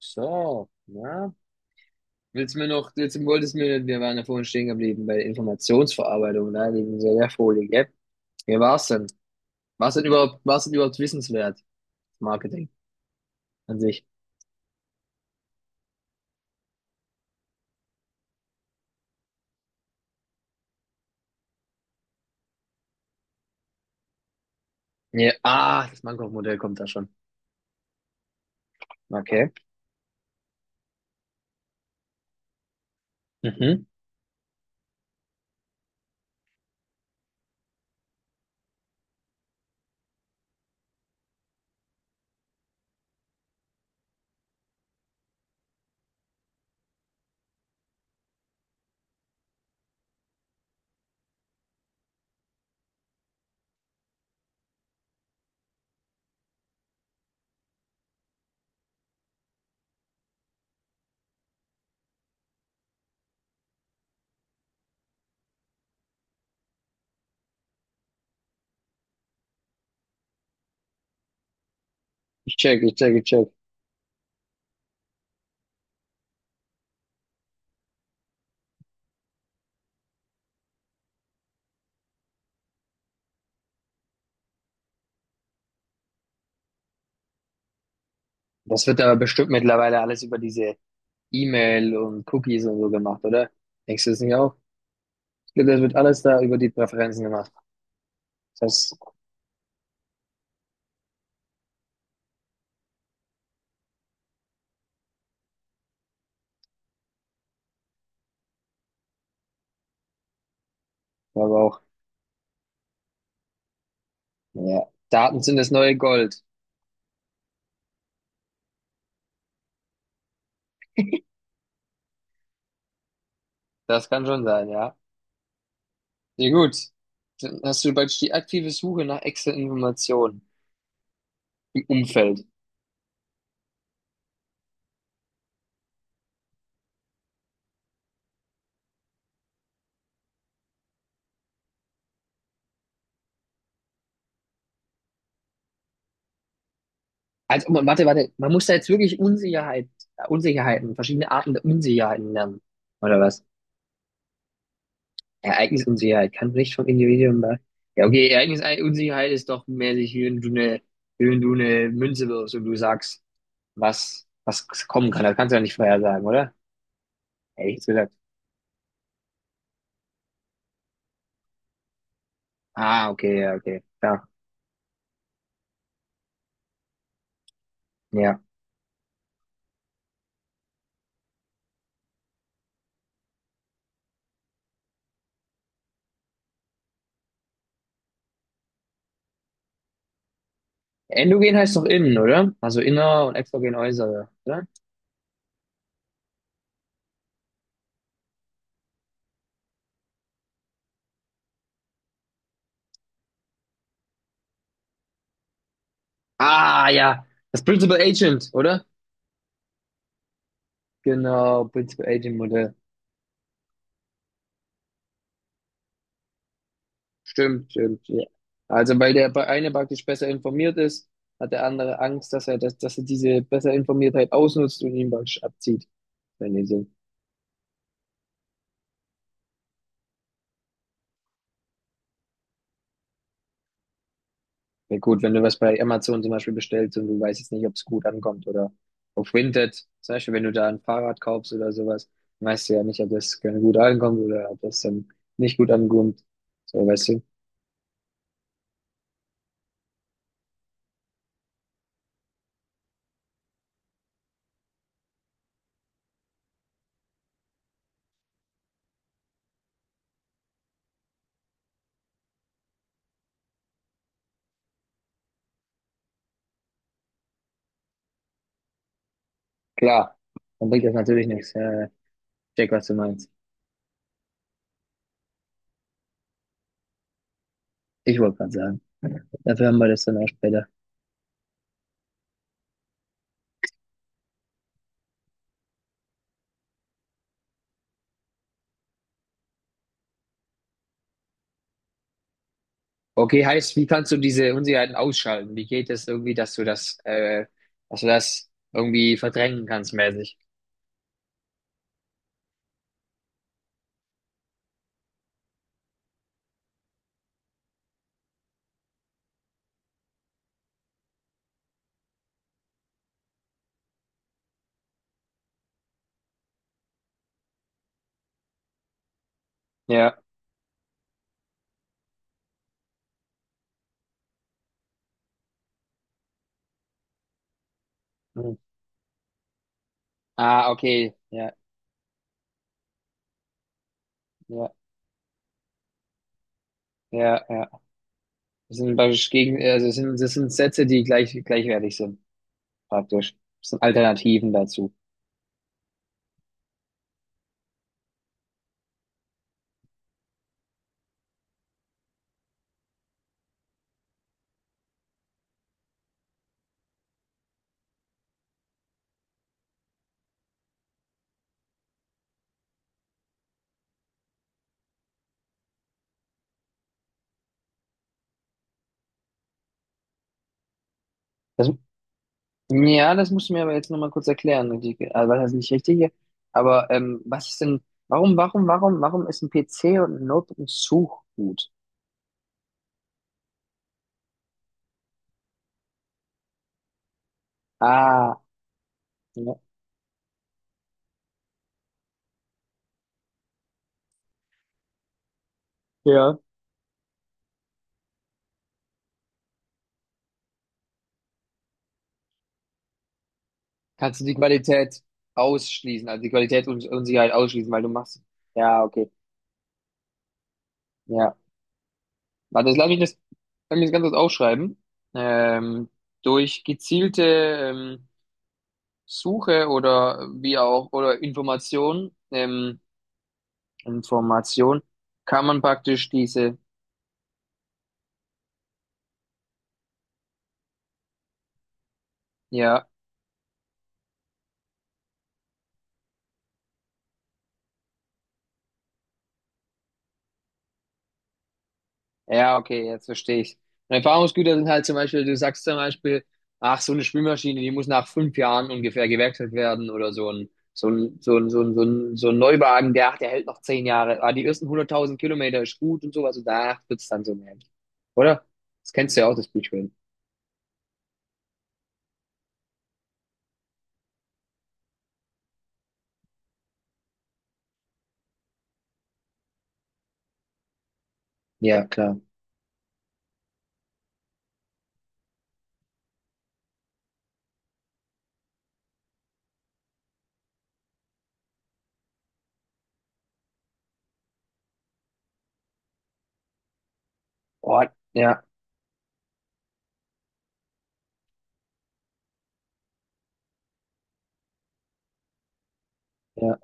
So, na? Willst du mir noch, jetzt wolltest du mir, Wir waren ja vorhin stehen geblieben bei der Informationsverarbeitung, ne, wegen der Folie, gell? Wie war's denn? Was denn überhaupt wissenswert? Marketing an sich. Ja, ah, das Mankow-Modell kommt da schon. Okay. Mhm. Ich check, ich check, ich check. Das wird aber bestimmt mittlerweile alles über diese E-Mail und Cookies und so gemacht, oder? Denkst du das nicht auch? Ich glaub, das wird alles da über die Präferenzen gemacht. Das glaube ich auch. Ja. Daten sind das neue Gold. Das kann schon sein, ja. Ja gut, dann hast du praktisch die aktive Suche nach extra Informationen im Umfeld. Also, oh, warte, warte, man muss da jetzt wirklich Unsicherheiten, verschiedene Arten der Unsicherheiten lernen, oder was? Ereignisunsicherheit kann nicht vom Individuum da. Ja, okay, Ereignisunsicherheit ist doch mäßig, wie wenn du eine Münze wirfst und du sagst, was kommen kann. Das kannst du ja nicht vorhersagen, oder? Hätte ich jetzt gesagt. Ah, okay, ja, okay, klar, ja. Endogen heißt doch innen, oder? Also inner und exogen äußere, oder? Ah, ja. Das Principal Agent, oder? Genau, Principal Agent Modell. Stimmt, stimmt, ja. Also, weil der eine praktisch besser informiert ist, hat der andere Angst, dass er diese besser Informiertheit ausnutzt und ihn praktisch abzieht. Wenn ihr so. Ja, gut, wenn du was bei Amazon zum Beispiel bestellst und du weißt jetzt nicht, ob es gut ankommt oder auf Vinted, zum Beispiel, wenn du da ein Fahrrad kaufst oder sowas, dann weißt du ja nicht, ob das gut ankommt oder ob das dann nicht gut ankommt. So, weißt du? Klar, dann bringt das natürlich nichts. Ja, ja, check, was du meinst. Ich wollte gerade sagen. Dafür haben wir das dann auch später. Okay, heißt, wie kannst du diese Unsicherheiten ausschalten? Wie geht es irgendwie, dass du das irgendwie verdrängen kannst, mäßig? Ja. Hm. Ah, okay. Ja, ja, ja, ja. Das sind praktisch gegen, also das sind Sätze, die gleichwertig sind, praktisch. Das sind Alternativen dazu. Das, Ja, das musst du mir aber jetzt nochmal kurz erklären. Was heißt nicht richtig? Aber was ist denn, warum ist ein PC und ein Notebook ein Suchgut? Ah, ja. Ja. Kannst du die Qualität ausschließen, also die Qualitätsunsicherheit ausschließen, weil du machst. Ja, okay. Ja. Warte, jetzt lass mich das ganz kurz aufschreiben. Ähm, Durch gezielte ähm, Suche oder wie auch, oder Information, kann man praktisch diese. Ja, ja, okay, jetzt verstehe ich. Und Erfahrungsgüter sind halt zum Beispiel, du sagst zum Beispiel, ach, so eine Spülmaschine, die muss nach 5 Jahren ungefähr gewerkselt werden oder so ein Neuwagen, der hält noch 10 Jahre. Ah, die ersten 100.000 Kilometer ist gut und sowas und da wird's dann so mehr. Oder? Das kennst du ja auch, das Bild. Ja, klar. Oh, ja, ja.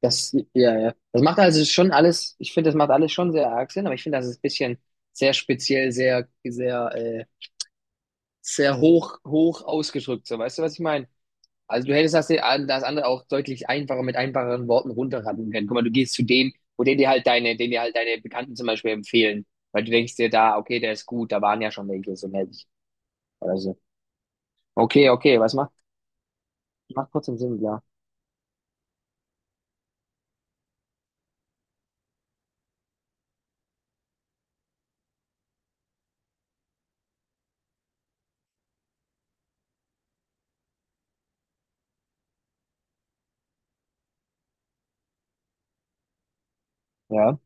Ja, ja, das macht also schon alles, ich finde, das macht alles schon sehr arg Sinn, aber ich finde, das ist ein bisschen sehr speziell, sehr, sehr, sehr hoch, hoch ausgedrückt, so, weißt du, was ich meine? Also du hättest das andere auch deutlich einfacher mit einfacheren Worten runterraten können. Guck mal, du gehst zu dem, wo den dir halt deine Bekannten zum Beispiel empfehlen, weil du denkst dir da, okay, der ist gut, da waren ja schon welche so mäßig oder so. Okay, okay, macht trotzdem Sinn, klar. Ja,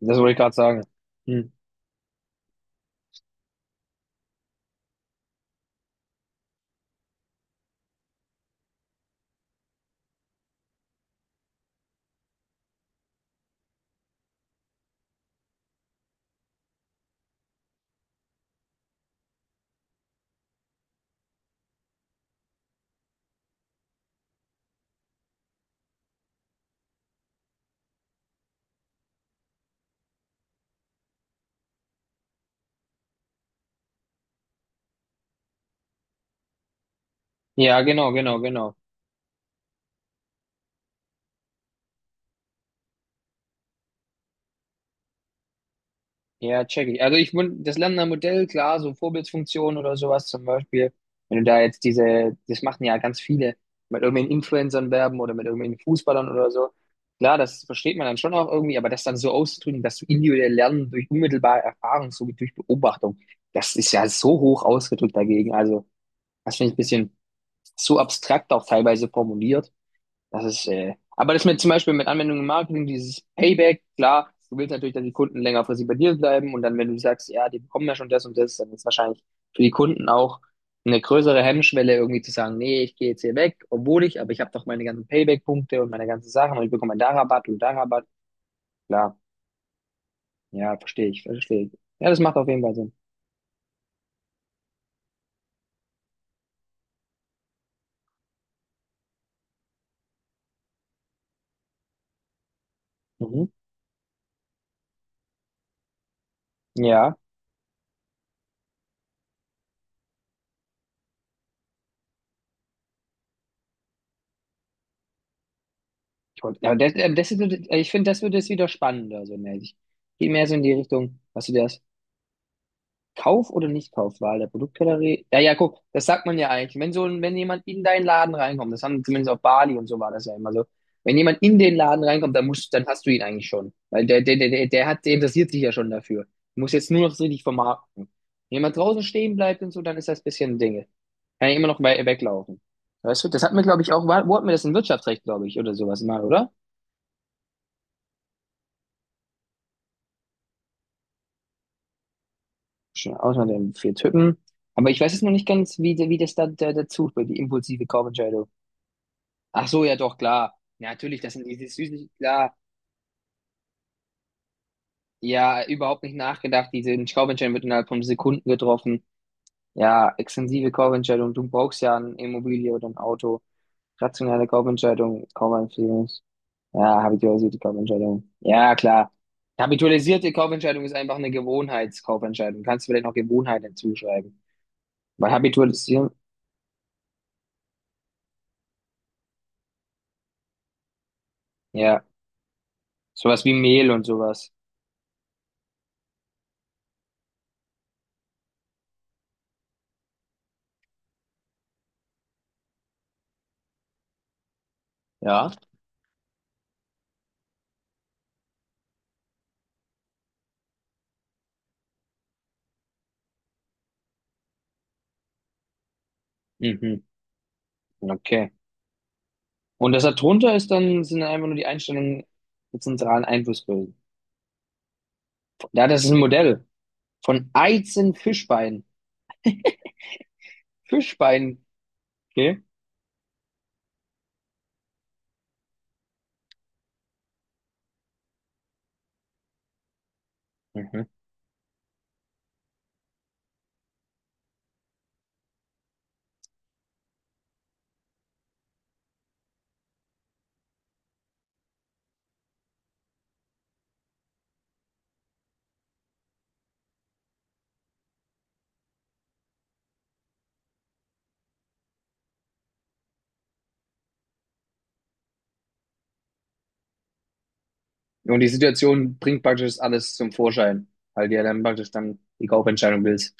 das wollte ich gerade sagen. Hm. Ja, genau, genau, genau. Ja, check ich. Also ich das Lernender Modell, klar, so Vorbildfunktion oder sowas zum Beispiel, wenn du da jetzt diese, das machen ja ganz viele, mit irgendwelchen Influencern werben oder mit irgendwelchen Fußballern oder so. Klar, das versteht man dann schon auch irgendwie, aber das dann so auszudrücken, dass du individuell lernen durch unmittelbare Erfahrung, so wie durch Beobachtung, das ist ja so hoch ausgedrückt dagegen. Also, das finde ich ein bisschen so abstrakt auch teilweise formuliert. Aber das mit zum Beispiel mit Anwendung im Marketing, dieses Payback, klar, du willst natürlich, dass die Kunden längerfristig bei dir bleiben und dann, wenn du sagst, ja, die bekommen ja schon das und das, dann ist wahrscheinlich für die Kunden auch eine größere Hemmschwelle, irgendwie zu sagen, nee, ich gehe jetzt hier weg, obwohl ich, aber ich habe doch meine ganzen Payback-Punkte und meine ganzen Sachen und ich bekomme da Rabatt und da Rabatt. Klar, ja, verstehe ich, verstehe ich. Ja, das macht auf jeden Fall Sinn. Mhm. Ja, ich wollte, ja, das, das ist, ich finde, das wird jetzt wieder spannender, so mäßig. Geht mehr so in die Richtung, hast du das? Kauf- oder Nichtkaufwahl der Produktgalerie. Ja, ja, guck, das sagt man ja eigentlich. Wenn so ein, Wenn jemand in deinen Laden reinkommt, das haben zumindest auf Bali und so war das ja immer so. Wenn jemand in den Laden reinkommt, dann musst, dann hast du ihn eigentlich schon. Weil der interessiert sich ja schon dafür. Du musst jetzt nur noch so richtig vermarkten. Wenn jemand draußen stehen bleibt und so, dann ist das ein bisschen Dinge. Kann ja immer noch we weglaufen. Weißt du, das hat mir, glaube ich, auch, wo hatten wir das in Wirtschaftsrecht, glaube ich, oder sowas mal, oder? Schon Ausnahme der vier Typen. Aber ich weiß jetzt noch nicht ganz, wie das dazu, bei die impulsive Kaufentscheidung. Ach so, ja doch, klar. Ja, natürlich, das sind diese Süßigkeiten, klar. Ja, überhaupt nicht nachgedacht. Diese Kaufentscheidung wird innerhalb von Sekunden getroffen. Ja, extensive Kaufentscheidung. Du brauchst ja eine Immobilie oder ein Auto. Rationale Kaufentscheidung, Kaufempfehlung. Ja, habitualisierte Kaufentscheidung. Ja, klar. Habitualisierte Kaufentscheidung ist einfach eine Gewohnheitskaufentscheidung. Kannst du vielleicht noch Gewohnheit hinzuschreiben? Weil habitualisieren, ja, sowas wie Mehl und sowas. Ja. Mhm. Okay. Und das da drunter sind dann einfach nur die Einstellungen der zentralen Einflussbösen. Ja, das ist ein Modell von Eizen-Fischbein. Fischbein, okay? Mhm. Und die Situation bringt praktisch alles zum Vorschein, weil du ja dann praktisch dann die Kaufentscheidung willst.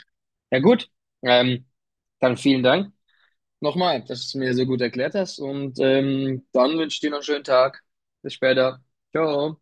Ja gut, ähm, dann vielen Dank nochmal, dass du es mir so gut erklärt hast und dann wünsche ich dir noch einen schönen Tag. Bis später. Ciao.